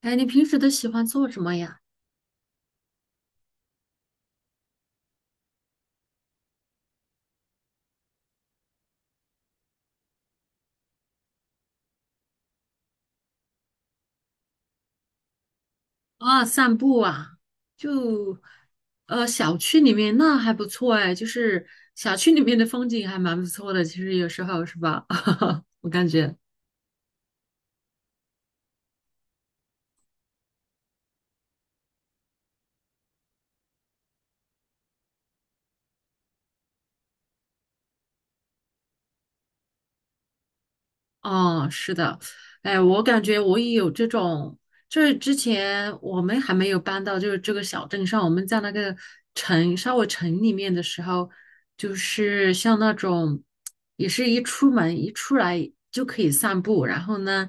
哎，你平时都喜欢做什么呀？啊，散步啊，就小区里面那还不错哎，就是小区里面的风景还蛮不错的，其实有时候是吧？我感觉。哦，是的，哎，我感觉我也有这种，就是之前我们还没有搬到就是这个小镇上，我们在那个稍微城里面的时候，就是像那种，也是一出门一出来就可以散步，然后呢，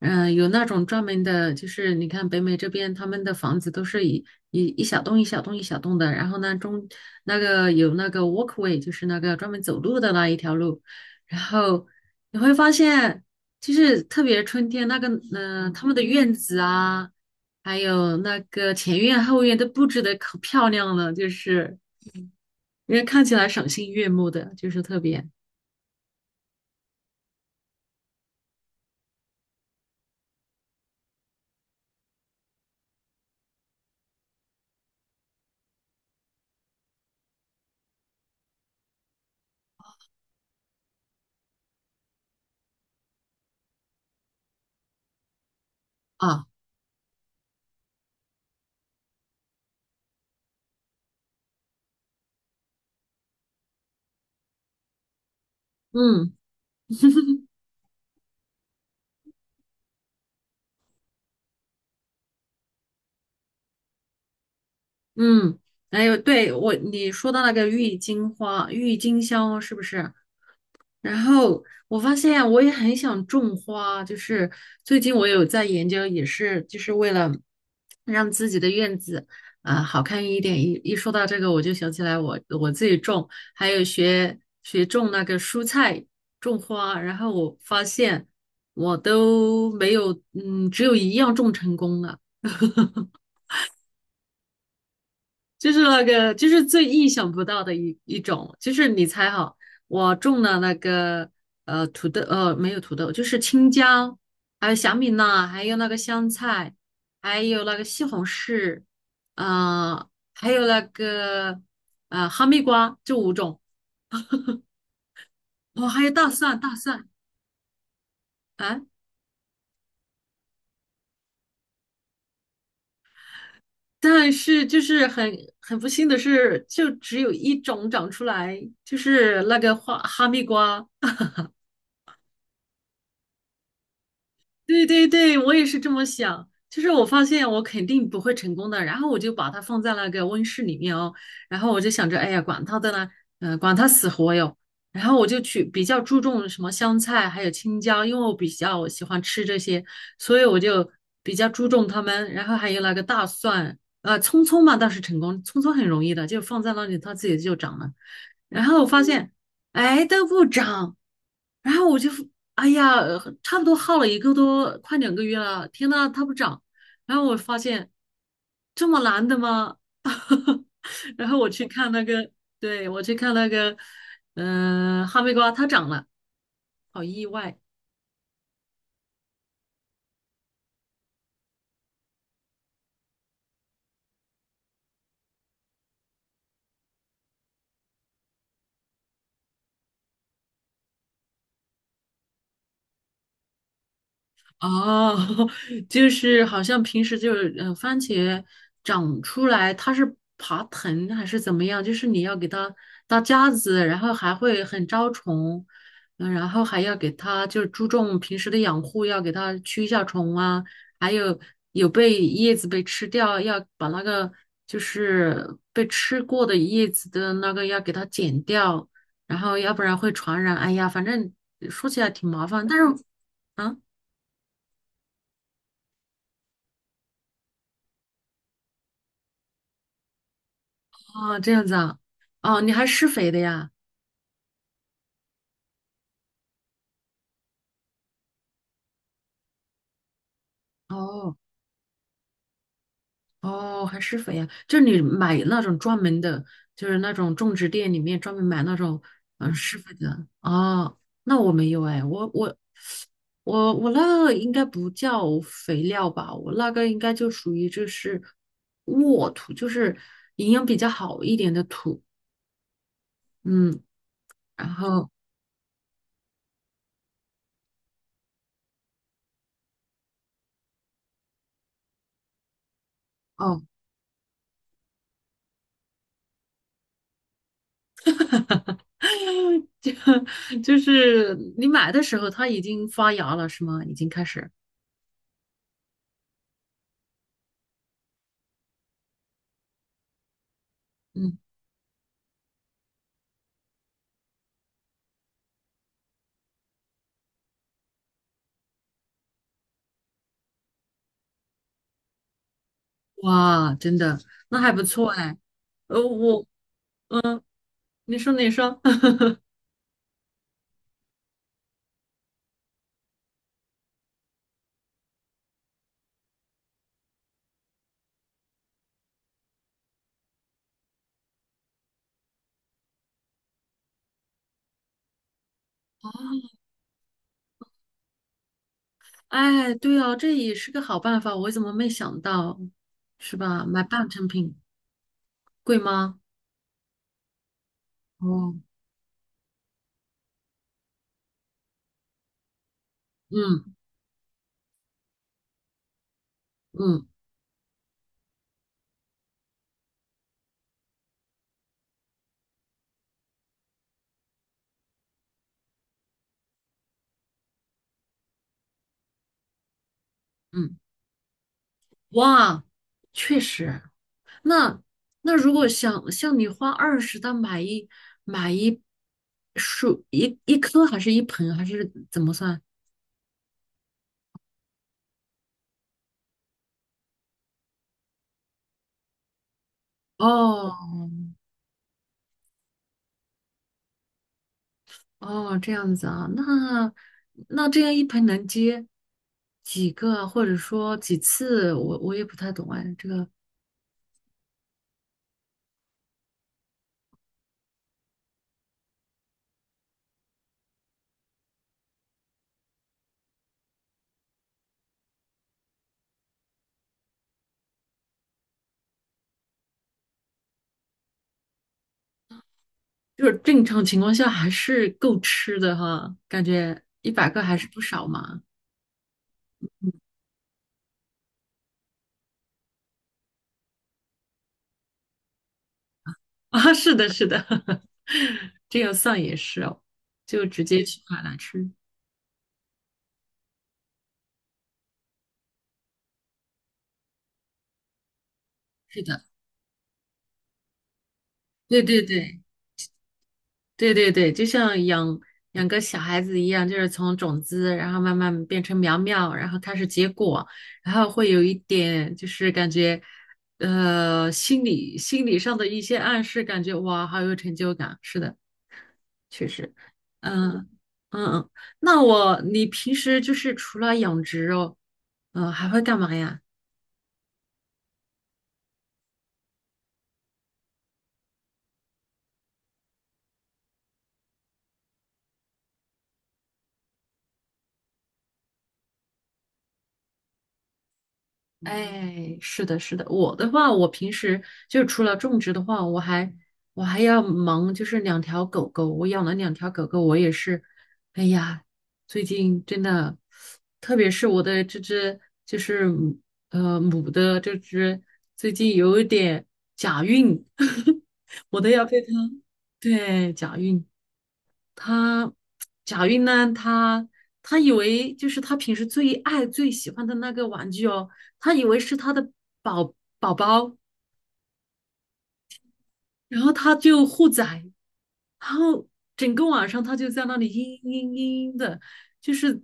有那种专门的，就是你看北美这边他们的房子都是一小栋一小栋一小栋的，然后呢那个有那个 walkway，就是那个专门走路的那一条路。然后你会发现，就是特别春天那个，他们的院子啊，还有那个前院后院都布置的可漂亮了，就是人家看起来赏心悦目的，就是特别啊，嗯嗯，还有对我你说的那个郁金香是不是？然后我发现我也很想种花，就是最近我有在研究，也是就是为了让自己的院子好看一点。一说到这个，我就想起来我自己种，还有学种那个蔬菜、种花。然后我发现我都没有，嗯，只有一样种成功了。就是那个，就是最意想不到的一种，就是你猜哈，我种了那个土豆，没有土豆，就是青椒，还有小米辣，还有那个香菜，还有那个西红柿，啊，还有那个哈密瓜，这五种，哦，还有大蒜，大蒜，啊，但是就是很不幸的是，就只有一种长出来，就是那个哈密瓜。对对对，我也是这么想。就是我发现我肯定不会成功的，然后我就把它放在那个温室里面哦，然后我就想着，哎呀，管它的呢，管它死活哟。然后我就去比较注重什么香菜还有青椒，因为我比较喜欢吃这些，所以我就比较注重它们。然后还有那个大蒜，葱葱嘛倒是成功，葱葱很容易的，就放在那里它自己就长了。然后我发现，哎，都不长。然后我就，哎呀，差不多耗了一个多，快2个月了。天呐，它不长。然后我发现这么难的吗？然后我去看那个，对，我去看那个，哈密瓜它长了，好意外。哦，就是好像平时就是番茄长出来它是爬藤还是怎么样？就是你要给它搭架子，然后还会很招虫，然后还要给它就是注重平时的养护，要给它驱一下虫啊，还有被叶子被吃掉，要把那个就是被吃过的叶子的那个要给它剪掉，然后要不然会传染。哎呀，反正说起来挺麻烦，但是啊。哦，这样子啊，哦，你还施肥的呀？哦哦，还施肥呀？就是你买那种专门的，就是那种种植店里面专门买那种施肥的。哦，那我没有哎，我那个应该不叫肥料吧，我那个应该就属于就是沃土，就是营养比较好一点的土。嗯，然后哦，就就是你买的时候它已经发芽了是吗？已经开始。嗯。哇，真的，那还不错哎。呃，我，嗯、你说你说，哎，对哦，这也是个好办法，我怎么没想到，是吧？买半成品贵吗？哦，嗯嗯嗯，哇，确实。那如果想像你花20的买一买一树一一颗还是一盆还是怎么算？哦，哦，这样子啊，那这样一盆能接几个，或者说几次，我也不太懂哎。这个就是正常情况下还是够吃的哈，感觉100个还是不少嘛。啊，是的，是的，这样算也是哦，就直接去买来吃。是的，对对对，对对对，就像养个小孩子一样，就是从种子，然后慢慢变成苗苗，然后开始结果，然后会有一点就是感觉，心理上的一些暗示，感觉哇，好有成就感。是的，确实，嗯嗯嗯。你平时就是除了养殖哦，还会干嘛呀？哎，是的，是的，我的话，我平时就除了种植的话，我还要忙，就是两条狗狗，我养了两条狗狗，我也是，哎呀，最近真的，特别是我的这只就是母的这只，最近有一点假孕，我都要被它，对，假孕。他贾云呢，他以为就是他平时最喜欢的那个玩具哦，他以为是他的宝宝宝，然后他就护崽，然后整个晚上他就在那里嘤嘤嘤嘤的，就是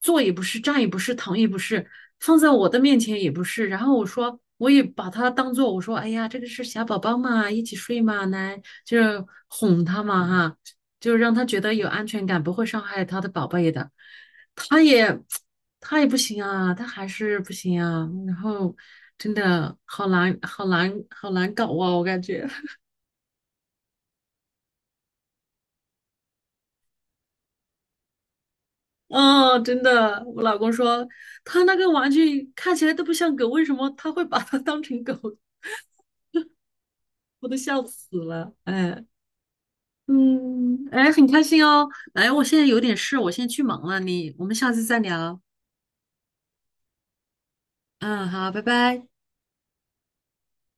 坐也不是，站也不是，躺也不是，放在我的面前也不是。然后我说，我也把他当做我说，哎呀，这个是小宝宝嘛，一起睡嘛，来就是哄他嘛哈，就是让他觉得有安全感，不会伤害他的宝贝的。他也他也不行啊，他还是不行啊。然后真的好难，好难，好难搞啊，我感觉。哦，真的，我老公说他那个玩具看起来都不像狗，为什么他会把它 当成狗？我都笑死了。哎，嗯，哎，很开心哦。哎，我现在有点事，我先去忙了，我们下次再聊。嗯，好，拜拜。